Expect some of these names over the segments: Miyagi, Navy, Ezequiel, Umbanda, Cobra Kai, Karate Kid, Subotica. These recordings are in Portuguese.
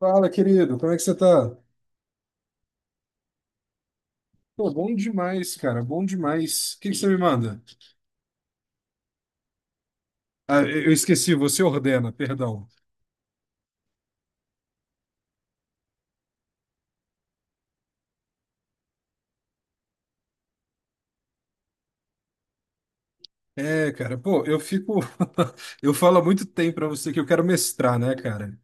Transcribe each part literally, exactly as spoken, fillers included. Fala, querido, como é que você tá? Pô, bom demais, cara, bom demais. O que que você me manda? Ah, eu eu esqueci, você ordena, perdão. É, cara, pô, eu fico. Eu falo há muito tempo pra você que eu quero mestrar, né, cara?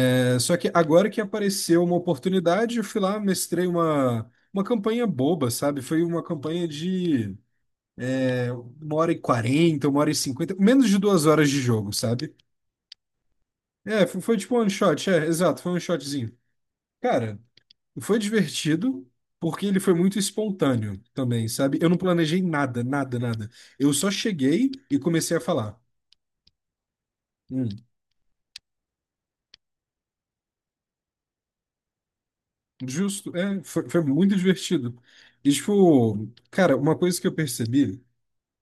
É, só que agora que apareceu uma oportunidade, eu fui lá, mestrei uma, uma campanha boba, sabe? Foi uma campanha de é, uma hora e quarenta, uma hora e cinquenta, menos de duas horas de jogo, sabe? É, foi, foi tipo um one shot, é, exato, foi um shotzinho. Cara, foi divertido, porque ele foi muito espontâneo também, sabe? Eu não planejei nada, nada, nada. Eu só cheguei e comecei a falar. Hum, justo, é, foi, foi muito divertido. E, tipo, cara, uma coisa que eu percebi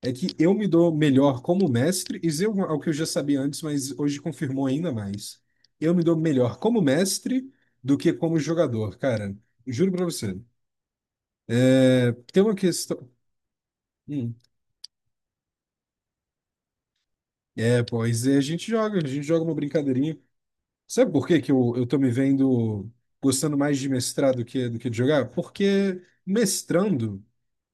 é que eu me dou melhor como mestre, isso é uma- algo que eu já sabia antes, mas hoje confirmou ainda mais. Eu me dou melhor como mestre do que como jogador, cara. Juro pra você. É, tem uma questão. Hum, é, pois é, a gente joga, a gente joga uma brincadeirinha. Sabe por que que eu, eu tô me vendo gostando mais de mestrar do que, do que de jogar? Porque mestrando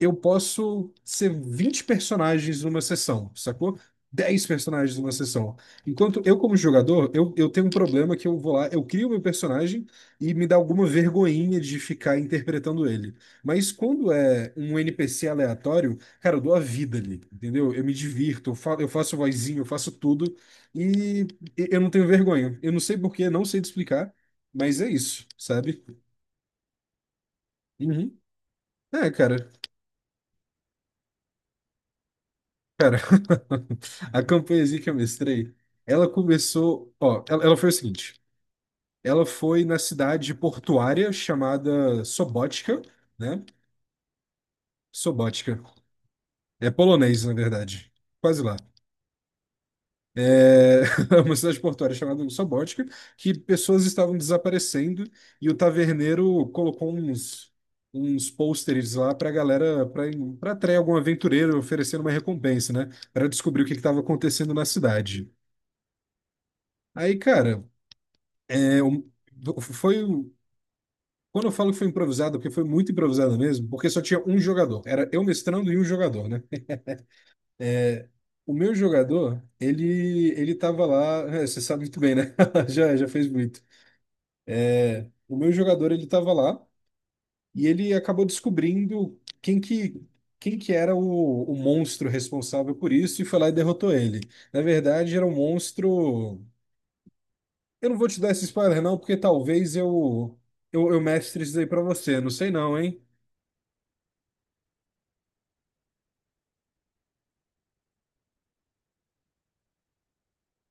eu posso ser vinte personagens numa sessão, sacou? Dez personagens numa sessão. Enquanto eu, como jogador, eu, eu tenho um problema que eu vou lá, eu crio meu personagem e me dá alguma vergonhinha de ficar interpretando ele. Mas quando é um N P C aleatório, cara, eu dou a vida ali, entendeu? Eu me divirto, eu fa- eu faço vozinho, eu faço tudo. E e- eu não tenho vergonha. Eu não sei porquê, não sei te explicar, mas é isso, sabe? Uhum. É, cara, cara, a campanhazinha que eu mestrei, ela começou, ó, ela, ela foi o seguinte, ela foi na cidade portuária chamada Sobótica, né? Sobótica, é polonês, na verdade, quase lá. É, uma cidade portuária chamada Sobótica, que pessoas estavam desaparecendo e o taverneiro colocou uns, uns pôsteres lá para a galera, para atrair algum aventureiro oferecendo uma recompensa, né? Para descobrir o que estava acontecendo na cidade. Aí, cara, é, um- foi. um- quando eu falo que foi improvisado, porque foi muito improvisado mesmo, porque só tinha um jogador. Era eu mestrando e um jogador, né? O meu jogador, ele ele tava lá, é, você sabe muito bem, né? Já, já fez muito. O meu jogador, ele estava lá e ele acabou descobrindo quem que, quem que era o, o monstro responsável por isso e foi lá e derrotou ele. Na verdade, era um monstro... Eu não vou te dar esse spoiler não, porque talvez eu, eu, eu mestre isso aí pra você. Não sei não, hein?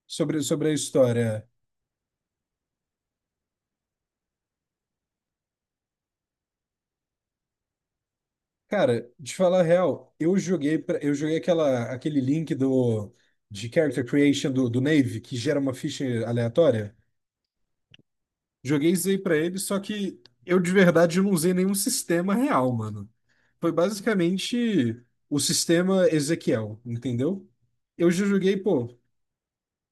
Sobre, sobre a história. Cara, de falar a real, eu joguei, pra- eu joguei aquela, aquele link do, de character creation do, do Navy, que gera uma ficha aleatória. Joguei isso aí pra ele, só que eu de verdade não usei nenhum sistema real, mano. Foi basicamente o sistema Ezequiel, entendeu? Eu já joguei, pô,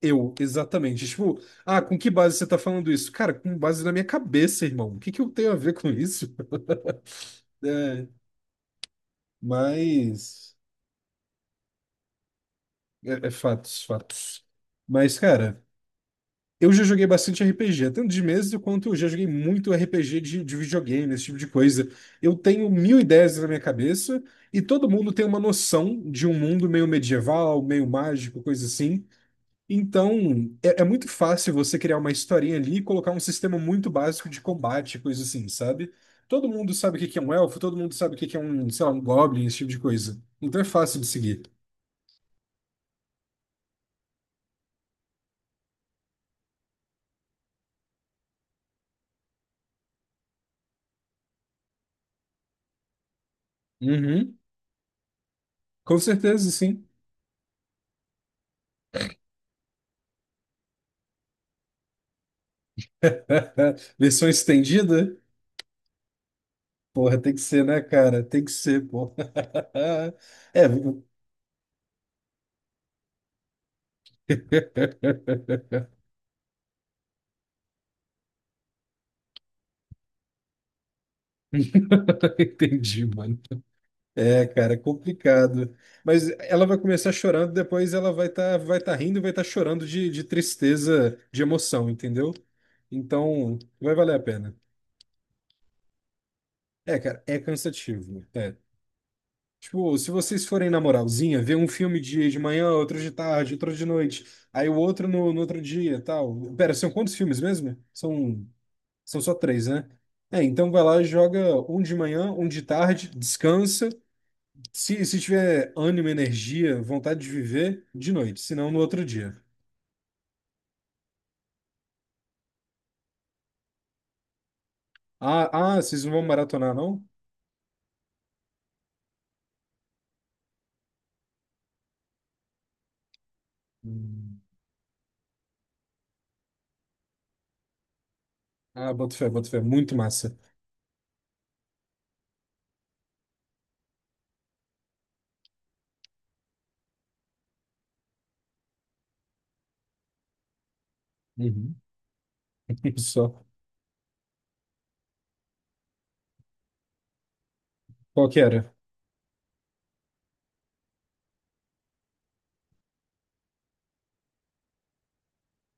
eu, exatamente. Tipo, ah, com que base você tá falando isso? Cara, com base na minha cabeça, irmão. O que que eu tenho a ver com isso? É, mas. É, é fatos, fatos. Mas, cara. Eu já joguei bastante R P G, tanto de mesa quanto eu já joguei muito R P G de, de videogame, esse tipo de coisa. Eu tenho mil ideias na minha cabeça e todo mundo tem uma noção de um mundo meio medieval, meio mágico, coisa assim. Então, é, é muito fácil você criar uma historinha ali e colocar um sistema muito básico de combate, coisa assim, sabe? Todo mundo sabe o que que é um elfo, todo mundo sabe o que que é um, sei lá, um goblin, esse tipo de coisa. Então é fácil de seguir. Uhum, com certeza, sim. Versão estendida? Porra, tem que ser, né, cara? Tem que ser, porra. É, viu? Entendi, mano. É, cara, é complicado. Mas ela vai começar chorando, depois ela vai estar vai tá rindo e vai estar chorando de, de tristeza, de emoção, entendeu? Então, vai valer a pena. É, cara, é cansativo. Né? É. Tipo, se vocês forem na moralzinha, ver um filme de, de manhã, outro de tarde, outro de noite, aí o outro no, no outro dia, tal. Pera, são quantos filmes mesmo? São. São só três, né? É, então vai lá, joga um de manhã, um de tarde, descansa. Se, se tiver ânimo, energia, vontade de viver, de noite, senão no outro dia. Ah, ah, vocês não vão maratonar, não? Hum. Ah, boto fé, boto fé. Muito massa. Uhum. Só. Qual que era?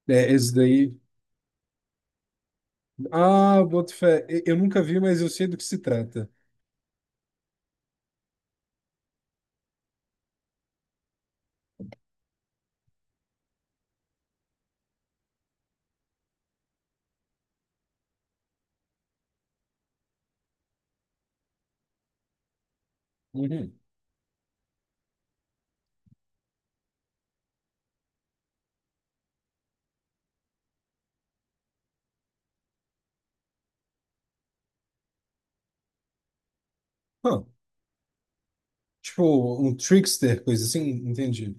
É, esse daí. Ah, boto fé. E- Eu nunca vi, mas eu sei do que se trata. Uhum. Ah, tipo, um trickster, coisa assim, entendi.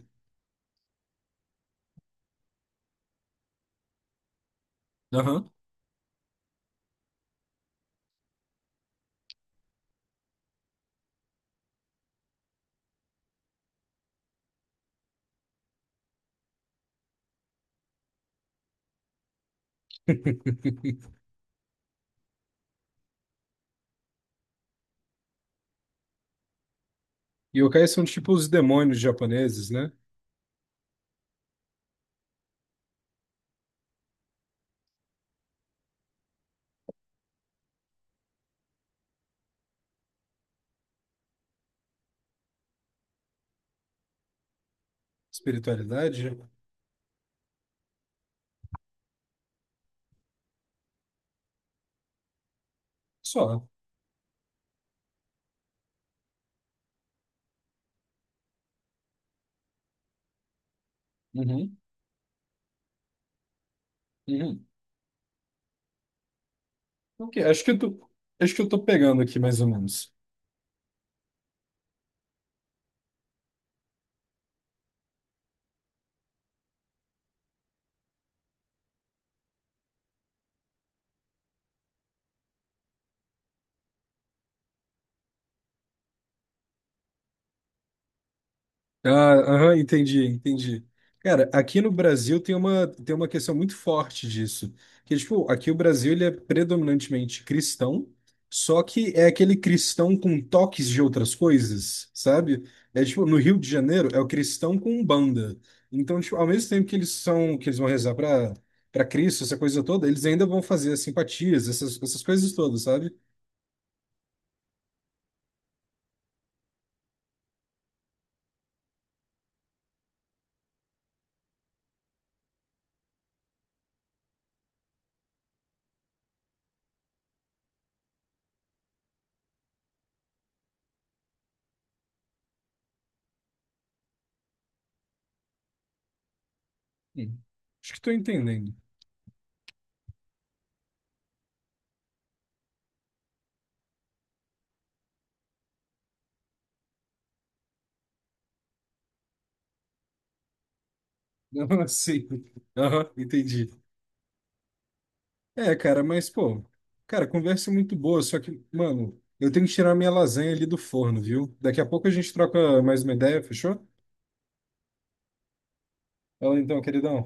Aham. Yokais são tipo os demônios japoneses, né? Espiritualidade? Só. Uhum, uhum. Ok, acho que eu tô, acho que eu tô pegando aqui mais ou menos. Ah, aham, entendi, entendi. Cara, aqui no Brasil tem uma, tem uma questão muito forte disso. Que, tipo, aqui o Brasil ele é predominantemente cristão, só que é aquele cristão com toques de outras coisas, sabe? É tipo, no Rio de Janeiro é o cristão com Umbanda. Então, tipo, ao mesmo tempo que eles são, que eles vão rezar para para Cristo, essa coisa toda, eles ainda vão fazer as simpatias, essas, essas coisas todas, sabe? Hum. Acho que tô entendendo. Não, assim. Aham, entendi. É, cara, mas, pô, cara, conversa é muito boa, só que, mano, eu tenho que tirar minha lasanha ali do forno, viu? Daqui a pouco a gente troca mais uma ideia, fechou? Fala então, queridão.